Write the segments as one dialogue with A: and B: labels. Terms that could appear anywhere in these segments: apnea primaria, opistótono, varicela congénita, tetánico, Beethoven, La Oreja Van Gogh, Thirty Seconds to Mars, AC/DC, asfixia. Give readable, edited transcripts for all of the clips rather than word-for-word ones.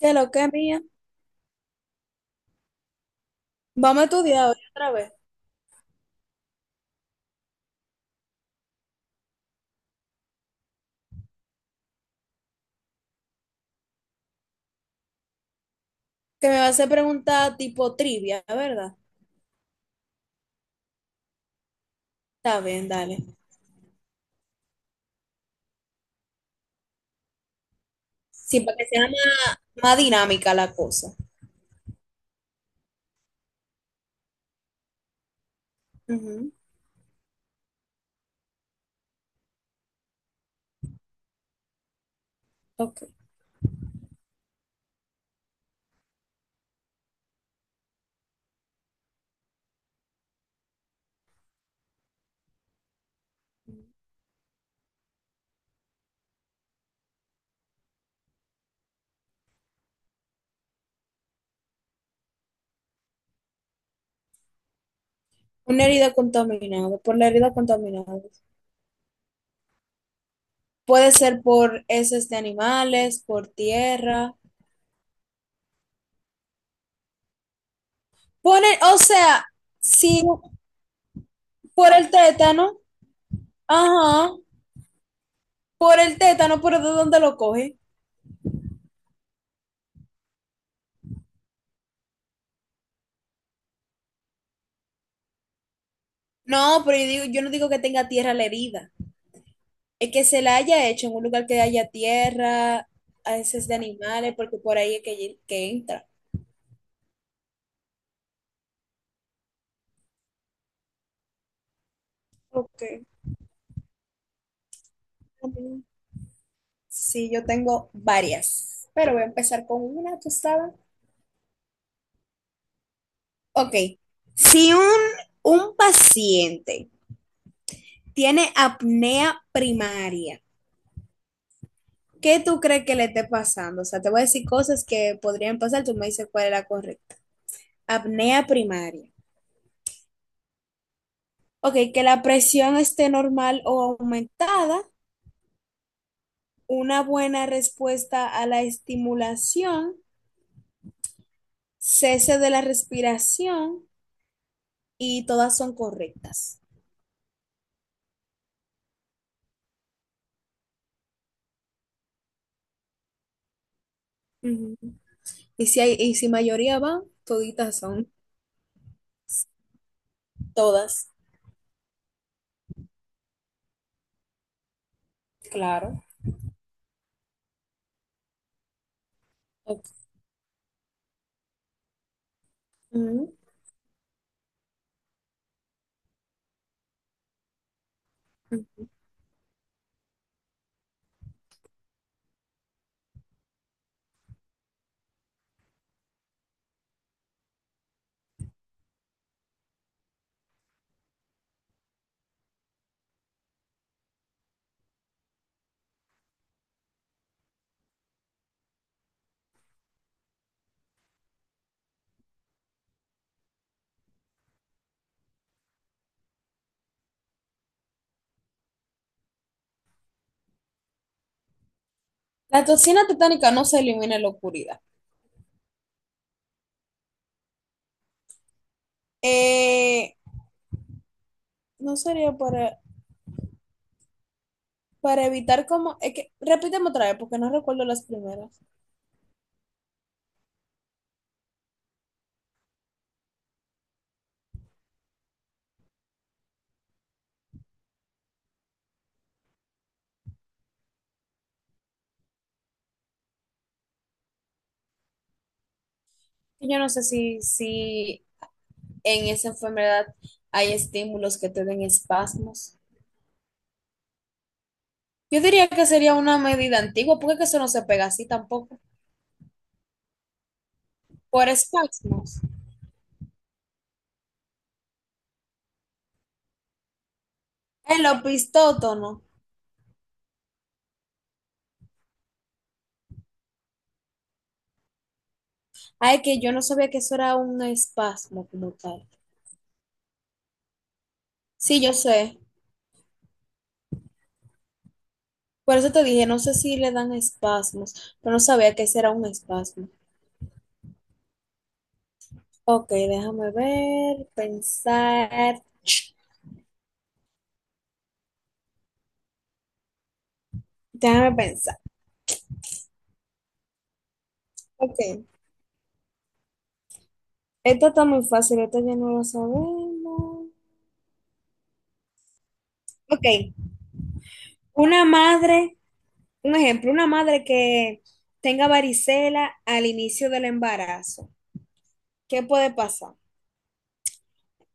A: De lo que mía. Vamos a estudiar hoy otra vez. Que me va a hacer preguntas tipo trivia, ¿verdad? Está bien, dale. Sí, para que sea más, más dinámica la cosa. Ujú, ok. Una herida contaminada. Por la herida contaminada. Puede ser por heces de animales, por tierra. O sea, sí, por el tétano. Ajá. Por el tétano, pero ¿de dónde lo coge? No, pero yo digo, yo no digo que tenga tierra la herida. Es que se la haya hecho en un lugar que haya tierra, a veces de animales, porque por ahí es que entra. Ok. Mm, Sí, yo tengo varias, pero voy a empezar con una, tú sabes. Ok, si un, un paciente tiene apnea primaria, ¿qué tú crees que le esté pasando? O sea, te voy a decir cosas que podrían pasar, tú me dices cuál es la correcta. Apnea primaria. Ok, que la presión esté normal o aumentada, una buena respuesta a la estimulación, cese de la respiración y todas son correctas. Ujú. Y si mayoría van toditas son. Todas. Claro. Ok. Ujú. La toxina tetánica no se elimina en la oscuridad. Eh, no sería para evitar como... Es que, repíteme otra vez porque no recuerdo las primeras. Yo no sé si en esa enfermedad hay estímulos que te den espasmos. Yo diría que sería una medida antigua, porque es que eso no se pega así tampoco. Por espasmos. El opistótono. Ay, que yo no sabía que eso era un espasmo como tal. Sí, yo sé. Por eso te dije, no sé si le dan espasmos, pero no sabía que ese era un espasmo. Ok, déjame ver, pensar. Déjame pensar. Ok. Esto está muy fácil, esto ya no lo sabemos. Ok. Una madre un ejemplo, una madre que tenga varicela al inicio del embarazo, ¿qué puede pasar?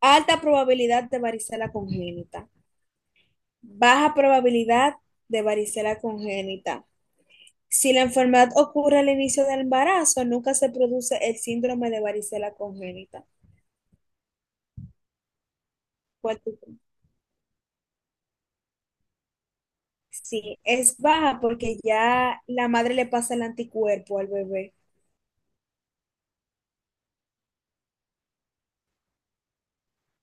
A: Alta probabilidad de varicela congénita, baja probabilidad de varicela congénita. Si la enfermedad ocurre al inicio del embarazo, nunca se produce el síndrome de varicela congénita. ¿Cuál tú crees? Sí, es baja porque ya la madre le pasa el anticuerpo al bebé.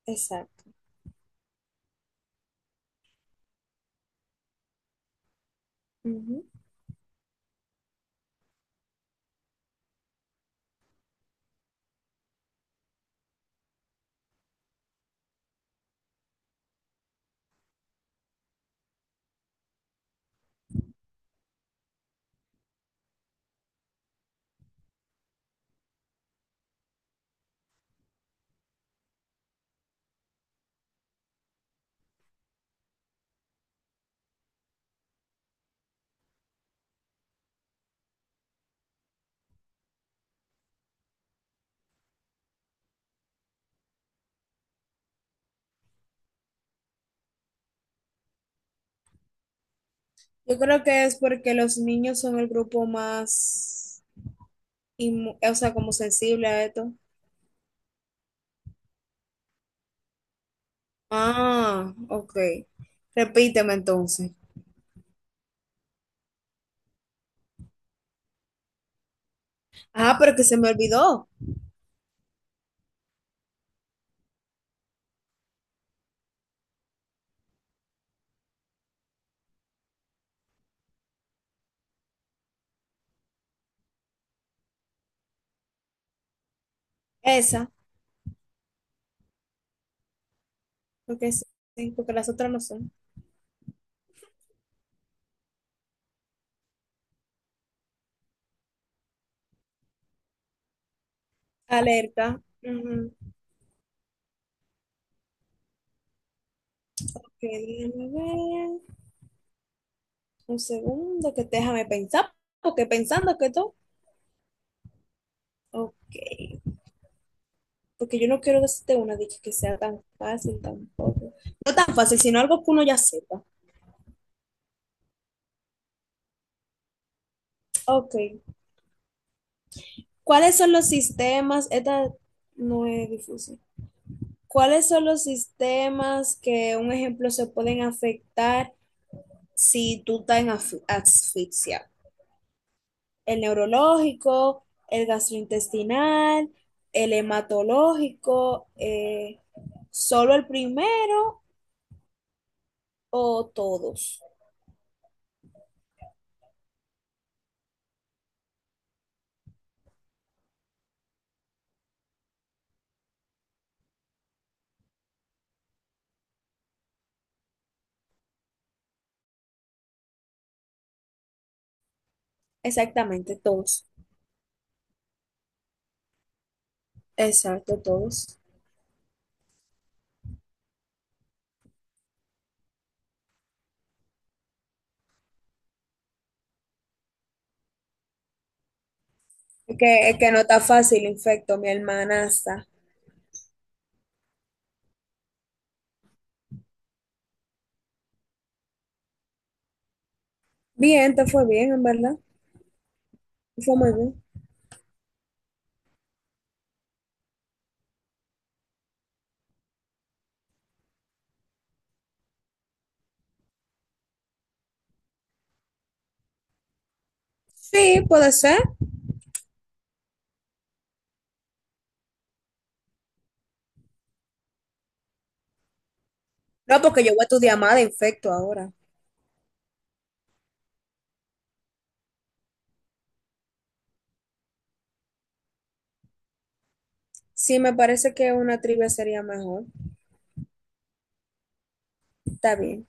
A: Exacto. Ujú. Yo creo que es porque los niños son el grupo más o sea, como sensible a esto. Ah, ok. Repíteme entonces. Ah, pero que se me olvidó. Esa, porque sí, sí, porque las otras no son. Alerta. Ujú. Ok, déjame ver. Un segundo, que déjame pensar, porque pensando que todo. Ok, porque yo no quiero decirte una dicha que sea tan fácil, tan... No tan fácil, sino algo que uno ya sepa. Ok. ¿Cuáles son los sistemas? Esta no es difícil. ¿Cuáles son los sistemas que, un ejemplo, se pueden afectar si tú estás en asfixia? El neurológico, el gastrointestinal, el hematológico, solo el primero o todos. Exactamente, todos. Exacto, todos. Es que no está fácil, infecto, mi hermanasta. Bien, te fue bien, en verdad. Te fue muy bien. Sí, puede ser. No, porque yo voy a estudiar más de infecto ahora. Sí, me parece que una trivia sería mejor. Está bien.